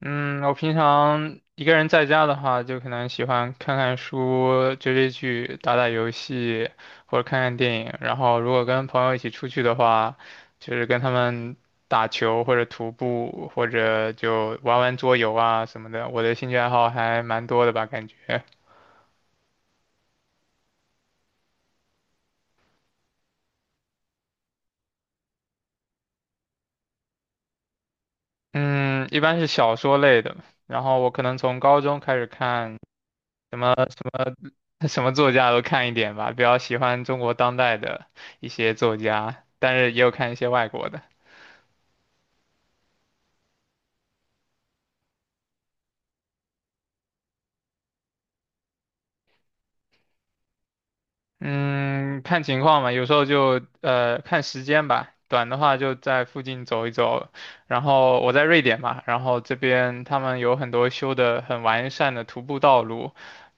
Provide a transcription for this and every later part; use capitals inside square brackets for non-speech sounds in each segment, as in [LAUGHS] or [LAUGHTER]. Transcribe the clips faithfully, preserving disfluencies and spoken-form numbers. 嗯，我平常一个人在家的话，就可能喜欢看看书、追追剧、打打游戏，或者看看电影。然后，如果跟朋友一起出去的话，就是跟他们打球或者徒步，或者就玩玩桌游啊什么的。我的兴趣爱好还蛮多的吧，感觉。嗯，一般是小说类的。然后我可能从高中开始看。什么。[LAUGHS] 什么作家都看一点吧，比较喜欢中国当代的一些作家，但是也有看一些外国的。嗯，看情况吧，有时候就呃看时间吧，短的话就在附近走一走。然后我在瑞典嘛，然后这边他们有很多修的很完善的徒步道路，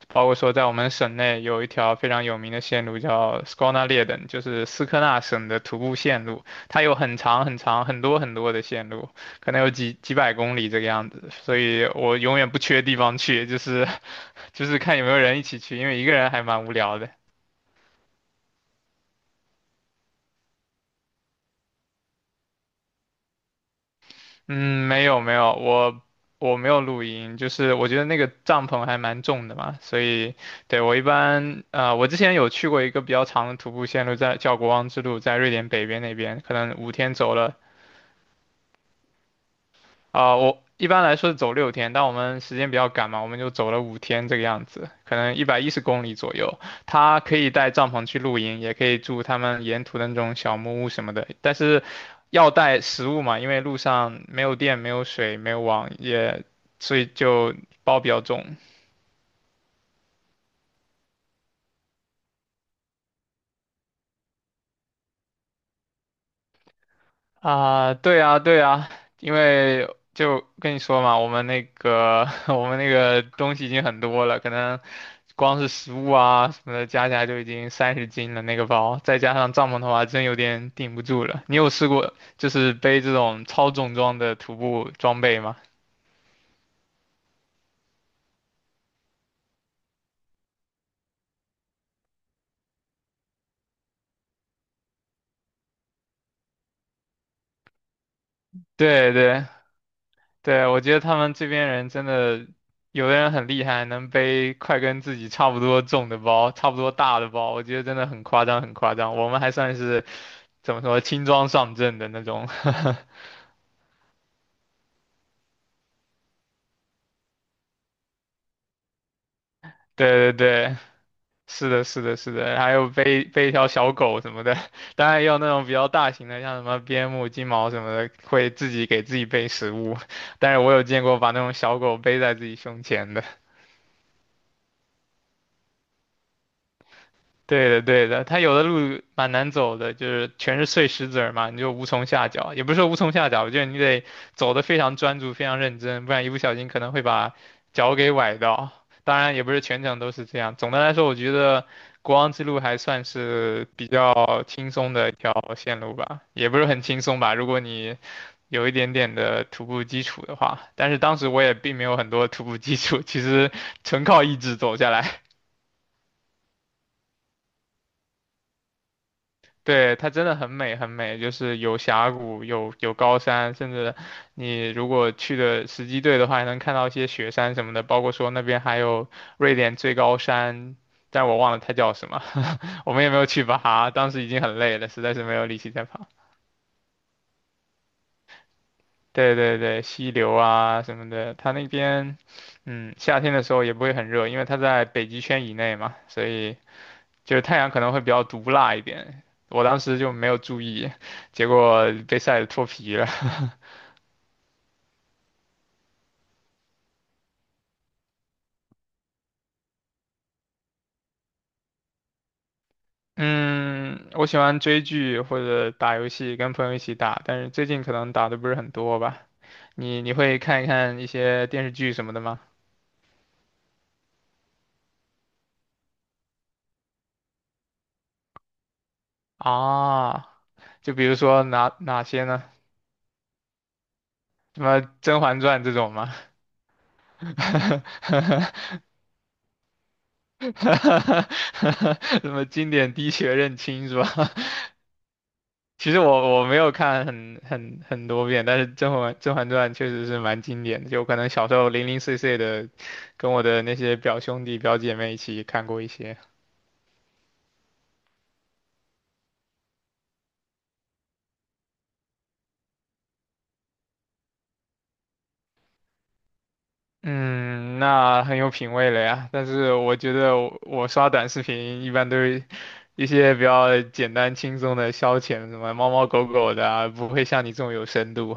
包括说在我们省内有一条非常有名的线路叫 Skånaleden，就是斯科纳省的徒步线路，它有很长很长很多很多的线路，可能有几几百公里这个样子，所以我永远不缺地方去，就是 [LAUGHS] 就是看有没有人一起去，因为一个人还蛮无聊的。嗯，没有没有，我我没有录音，就是我觉得那个帐篷还蛮重的嘛，所以对我一般呃，我之前有去过一个比较长的徒步线路在，叫国王之路，在瑞典北边那边，可能五天走了啊、我一般来说是走六天，但我们时间比较赶嘛，我们就走了五天这个样子，可能一百一十公里左右。他可以带帐篷去露营，也可以住他们沿途的那种小木屋什么的，但是要带食物嘛，因为路上没有电、没有水、没有网，也所以就包比较重。啊，对啊，对啊，因为就跟你说嘛，我们那个 [LAUGHS] 我们那个东西已经很多了，可能光是食物啊什么的加起来就已经三十斤了那个包，再加上帐篷的话，真有点顶不住了。你有试过就是背这种超重装的徒步装备吗？对对。对，我觉得他们这边人真的，有的人很厉害，能背快跟自己差不多重的包，差不多大的包，我觉得真的很夸张，很夸张。我们还算是怎么说轻装上阵的那种。[LAUGHS] 对对对，是的，是的，是的，还有背背一条小狗什么的，[LAUGHS] 当然也有那种比较大型的，像什么边牧、金毛什么的，会自己给自己背食物。[LAUGHS] 但是我有见过把那种小狗背在自己胸前的。对的，对的，它有的路蛮难走的，就是全是碎石子儿嘛，你就无从下脚，也不是说无从下脚，我觉得你得走得非常专注、非常认真，不然一不小心可能会把脚给崴到。当然，也不是全程都是这样。总的来说，我觉得国王之路还算是比较轻松的一条线路吧，也不是很轻松吧，如果你有一点点的徒步基础的话。但是当时我也并没有很多徒步基础，其实纯靠意志走下来对，它真的很美很美，就是有峡谷，有有高山，甚至你如果去的时机对的话，还能看到一些雪山什么的，包括说那边还有瑞典最高山，但我忘了它叫什么，[LAUGHS] 我们也没有去爬，当时已经很累了，实在是没有力气再爬。对对对，溪流啊什么的，它那边，嗯，夏天的时候也不会很热，因为它在北极圈以内嘛，所以。就是太阳可能会比较毒辣一点。我当时就没有注意，结果被晒得脱皮了。[LAUGHS] 嗯，我喜欢追剧或者打游戏，跟朋友一起打，但是最近可能打的不是很多吧。你你会看一看一些电视剧什么的吗？啊，就比如说哪哪些呢？什么《甄嬛传》这种吗？[LAUGHS] 什么经典滴血认亲是吧？其实我我没有看很很很多遍，但是《甄嬛甄嬛传》确实是蛮经典的，就可能小时候零零碎碎的，跟我的那些表兄弟表姐妹一起看过一些。嗯，那很有品味了呀。但是我觉得我，我刷短视频一般都是一些比较简单轻松的消遣，什么猫猫狗狗的啊，不会像你这种有深度。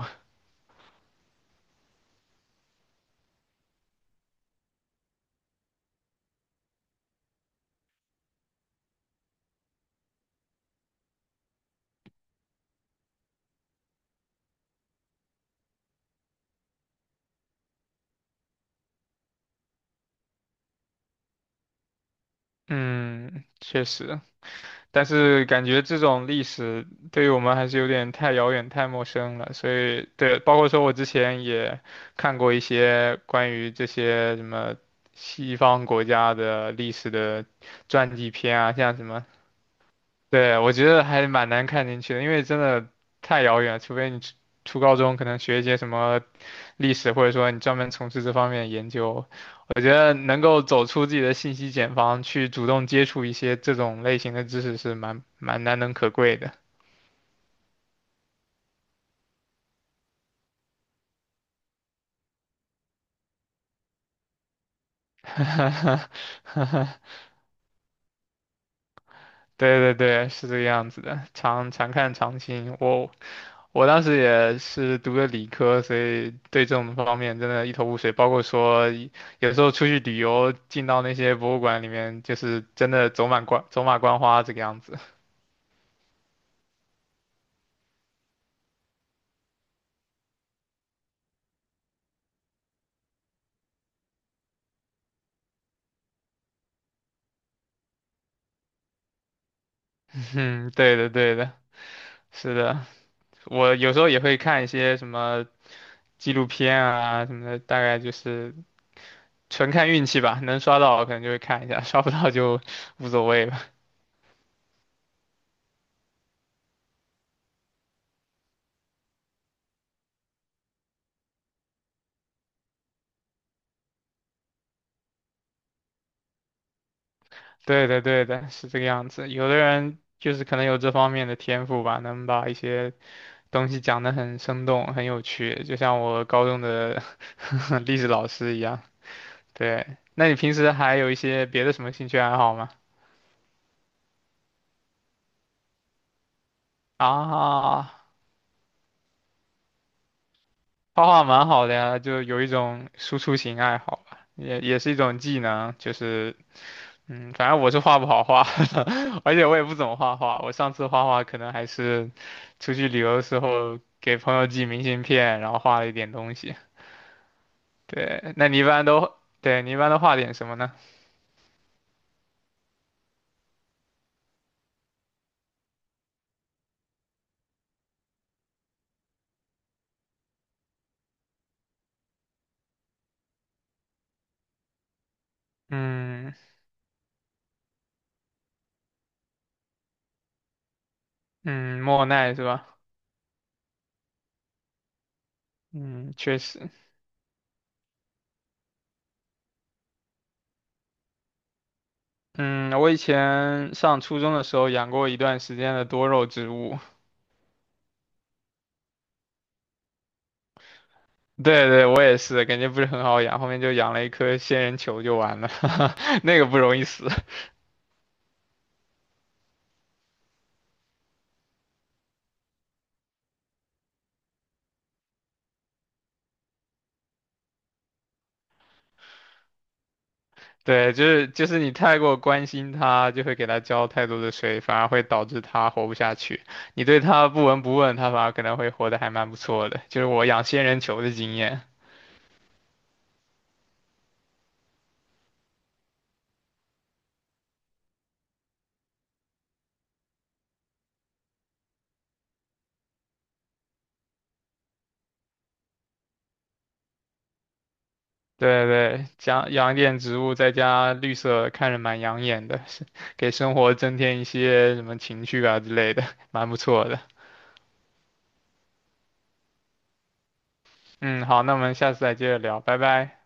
[LAUGHS] 嗯，确实。但是感觉这种历史对于我们还是有点太遥远、太陌生了，所以对，包括说我之前也看过一些关于这些什么西方国家的历史的传记片啊，像什么，对，我觉得还蛮难看进去的，因为真的太遥远了除非你初初高中可能学一些什么历史，或者说你专门从事这方面的研究，我觉得能够走出自己的信息茧房，去主动接触一些这种类型的知识是蛮蛮难能可贵的。[LAUGHS] 对对对，是这个样子的，常常看常新。我我当时也是读的理科，所以对这种方面真的一头雾水。包括说有时候出去旅游，进到那些博物馆里面，就是真的走马观走马观花这个样子。[LAUGHS] 嗯，对的对的，是的。我有时候也会看一些什么纪录片啊什么的，大概就是纯看运气吧，能刷到可能就会看一下，[LAUGHS] 刷不到就无所谓了。对的，对的，是这个样子。有的人就是可能有这方面的天赋吧，能把一些东西讲得很生动、很有趣，就像我高中的 [LAUGHS] 历史老师一样。对，那你平时还有一些别的什么兴趣爱好吗？啊画画蛮好的呀，就有一种输出型爱好吧，也也是一种技能，就是嗯，反正我是画不好画，[LAUGHS] 而且我也不怎么画画。我上次画画可能还是出去旅游的时候给朋友寄明信片，然后画了一点东西。对，那你一般都，对，你一般都画点什么呢？嗯嗯，莫奈是吧？嗯，确实，嗯，我以前上初中的时候养过一段时间的多肉植物，对对，我也是，感觉不是很好养，后面就养了一颗仙人球就完了，[LAUGHS] 那个不容易死。对，就是就是你太过关心它，就会给它浇太多的水，反而会导致它活不下去。你对它不闻不问，它反而可能会活得还蛮不错的，就是我养仙人球的经验。对对，养养一点植物，再加绿色，看着蛮养眼的，[LAUGHS] 是给生活增添一些什么情趣啊之类的，蛮不错的。嗯，好，那我们下次再接着聊，拜拜。